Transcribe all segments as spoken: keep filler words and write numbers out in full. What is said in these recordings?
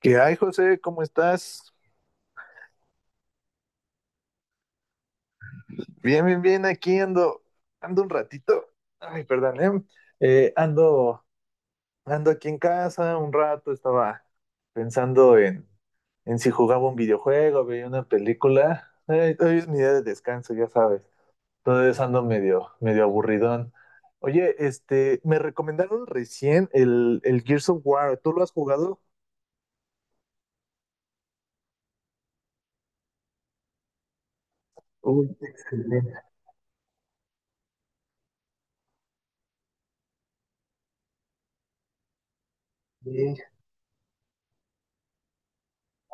¿Qué hay, José? ¿Cómo estás? Bien, bien, bien. Aquí ando, ando un ratito. Ay, perdón, ¿eh? Eh, ando, ando aquí en casa un rato. Estaba pensando en, en si jugaba un videojuego, veía una película. Ay, hoy es mi día de descanso, ya sabes. Entonces ando medio, medio aburridón. Oye, este, me recomendaron recién el, el Gears of War. ¿Tú lo has jugado? Uy, qué excelente.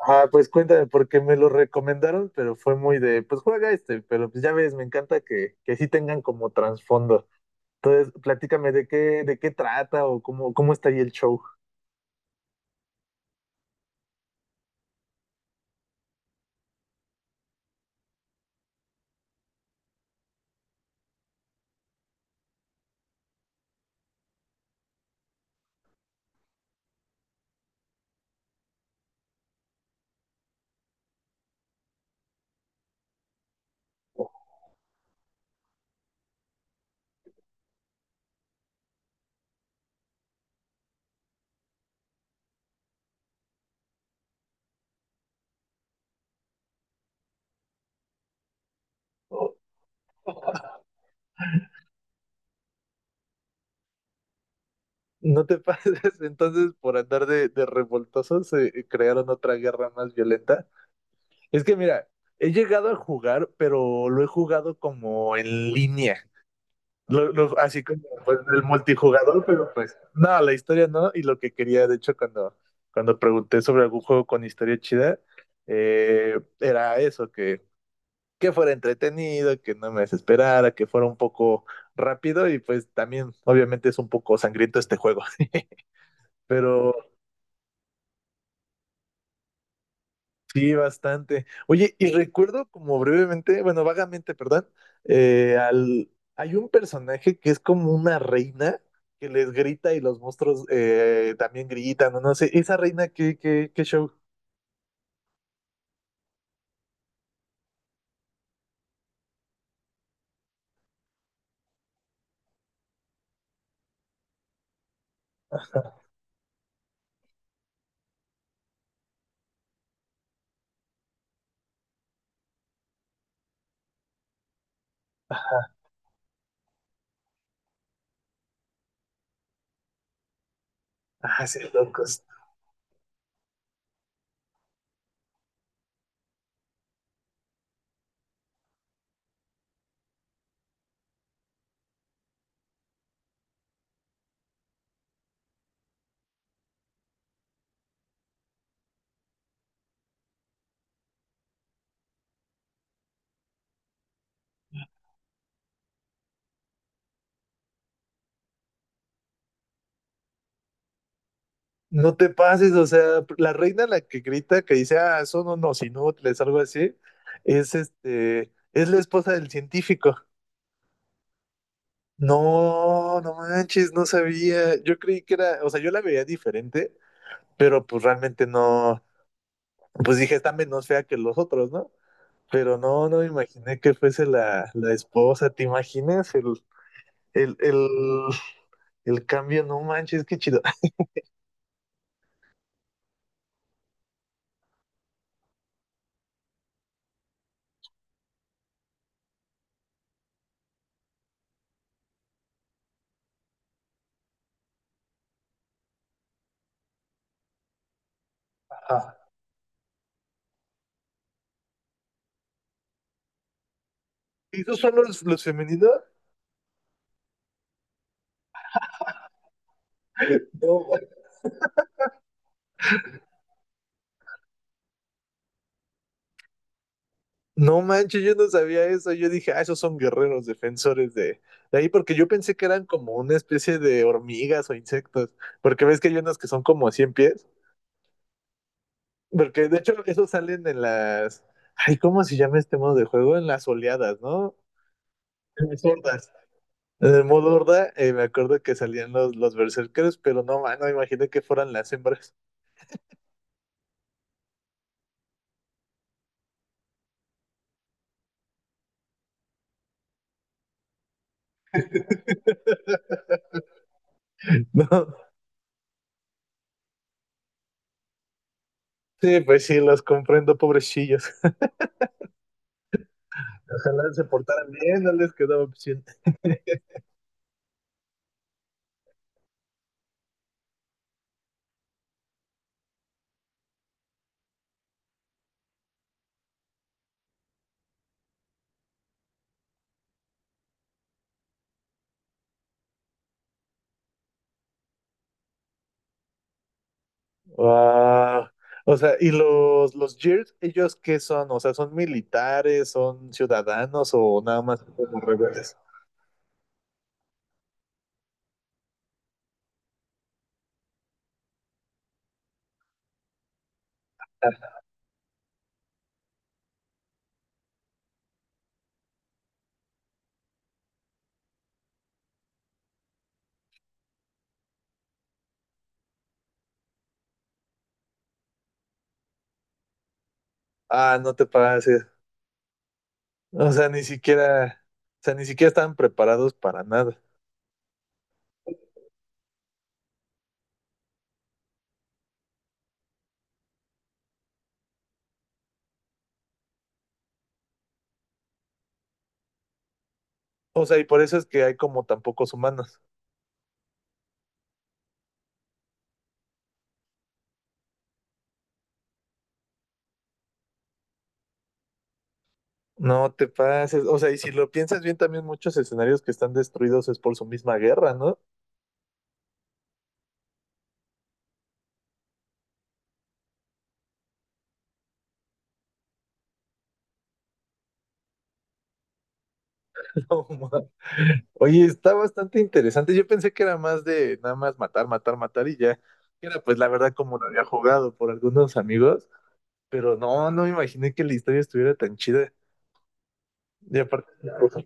Ah, pues cuéntame, porque me lo recomendaron, pero fue muy de, pues juega este, pero pues ya ves, me encanta que, que sí tengan como trasfondo. Entonces, platícame de qué, de qué trata o cómo, cómo está ahí el show. O- o- No te pases, entonces por andar de, de revoltosos eh, crearon otra guerra más violenta. Es que mira, he llegado a jugar, pero lo he jugado como en línea. Lo- lo- así como pues, el multijugador, pero pues no, la historia no. Y lo que quería, de hecho, cuando, cuando pregunté sobre algún juego con historia chida, eh, era eso, que, que fuera entretenido, que no me desesperara, que fuera un poco rápido y pues también obviamente es un poco sangriento este juego, pero sí, bastante. Oye, y recuerdo como brevemente, bueno, vagamente, perdón, eh, al, hay un personaje que es como una reina que les grita y los monstruos eh, también gritan, o no sé, esa reina, ¿qué, qué, qué show? Ajá, ah, sí, locos. No te pases, o sea, la reina la que grita, que dice, ah, son unos inútiles, algo así, es este, es la esposa del científico. No, no manches, no sabía. Yo creí que era, o sea, yo la veía diferente, pero pues realmente no, pues dije, está menos fea que los otros, ¿no? Pero no, no me imaginé que fuese la, la esposa, ¿te imaginas? El, el, el, el cambio, no manches, qué chido. ¿Esos son los, los femeninos? No, no manches, yo no sabía eso. Yo dije, ah, esos son guerreros defensores de, de ahí, porque yo pensé que eran como una especie de hormigas o insectos, porque ves que hay unos que son como cien pies, porque de hecho esos salen en las, ay, ¿cómo se llama este modo de juego? En las oleadas, ¿no? En las hordas. En el modo horda, eh, me acuerdo que salían los, los berserkers, pero no, man, no me imaginé que fueran las hembras. No, sí, pues sí, los comprendo, pobrecillos. Ojalá se portaran bien, no les quedaba opción. Wow. O sea, y los, los Gears, ¿ellos qué son? O sea, ¿son militares, son ciudadanos o nada más como rebeldes? Ah, no te pases. O sea, ni siquiera, o sea, ni siquiera están preparados para nada. O sea, y por eso es que hay como tan pocos humanos. No te pases. O sea, y si lo piensas bien, también muchos escenarios que están destruidos es por su misma guerra, ¿no? No, ma- Oye, está bastante interesante. Yo pensé que era más de nada más matar, matar, matar y ya. Era pues la verdad como lo había jugado por algunos amigos, pero no, no me imaginé que la historia estuviera tan chida. Y aparte, ujú,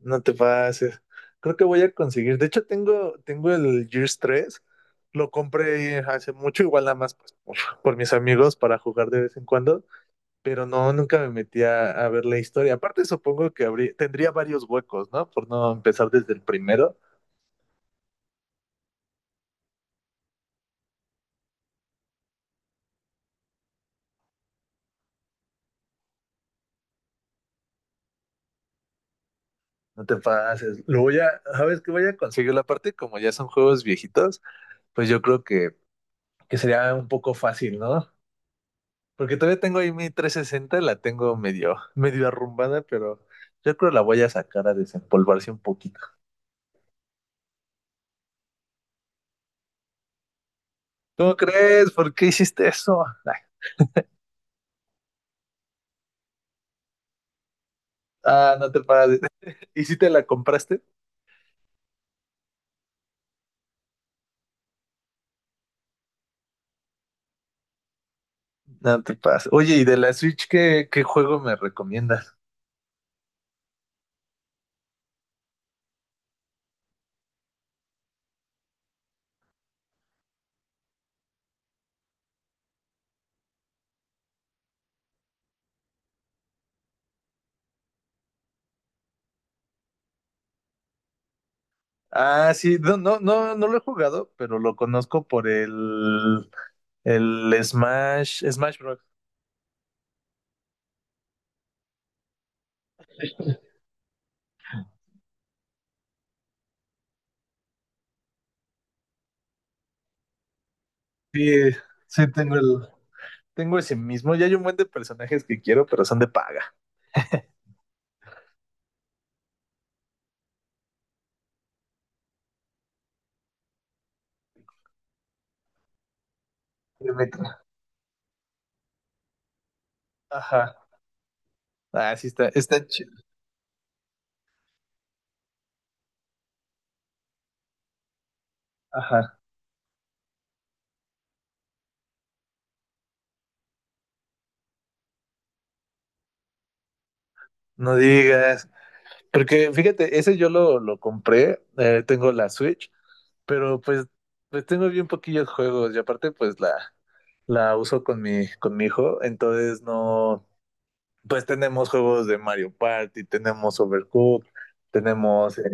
no te pases. Creo que voy a conseguir. De hecho, tengo, tengo el Gears tres. Lo compré hace mucho, igual nada más pues, por, por mis amigos para jugar de vez en cuando, pero no, nunca me metí a, a ver la historia. Aparte, supongo que habría, tendría varios huecos, ¿no? Por no empezar desde el primero. No te pases. Lo voy a, ¿sabes qué voy a conseguir? La parte, como ya son juegos viejitos, pues yo creo que, que sería un poco fácil, ¿no? Porque todavía tengo ahí mi trescientos sesenta, la tengo medio, medio arrumbada, pero yo creo la voy a sacar a desempolvarse un poquito. ¿Cómo crees? ¿Por qué hiciste eso? Ay, ah, no te pases. ¿Y si te la compraste? No te pasa. Oye, ¿y de la Switch qué, qué juego me recomiendas? Ah, sí, no, no, no, no lo he jugado, pero lo conozco por el, el Smash, Smash Bros. Sí, sí, tengo el, tengo ese mismo. Ya hay un buen de personajes que quiero, pero son de paga. De Metro. Ajá. Ah, sí está, está chido. Ajá. No digas. Porque fíjate, ese yo lo, lo compré, eh, tengo la Switch, pero pues, pues tengo bien poquillos juegos y aparte pues la, la uso con mi, con mi hijo, entonces no, pues tenemos juegos de Mario Party, tenemos Overcooked, tenemos, eh,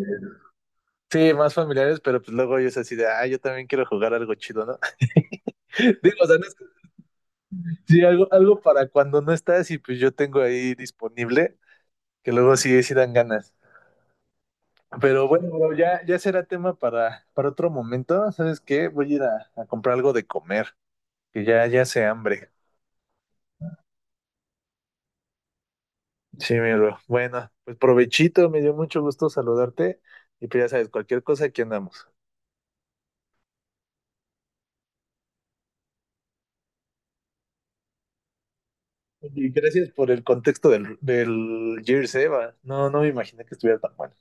sí, más familiares, pero pues luego yo es así de, ah, yo también quiero jugar algo chido, ¿no? Digo, o sea, no es, sí, algo, algo para cuando no estás y pues yo tengo ahí disponible, que luego sí, sí dan ganas. Pero bueno, bro, ya, ya será tema para, para otro momento. ¿Sabes qué? Voy a ir a, a comprar algo de comer, que ya, ya se hambre. Sí, mi bro. Bueno, pues provechito, me dio mucho gusto saludarte. Y pues ya sabes, cualquier cosa aquí andamos. Y gracias por el contexto del, del Gears, eh, va. No, no me imaginé que estuviera tan bueno.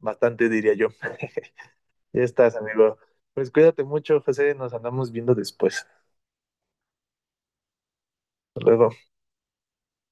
Bastante, diría yo. Ya estás, amigo. Pues cuídate mucho, José. Nos andamos viendo después. Hasta luego.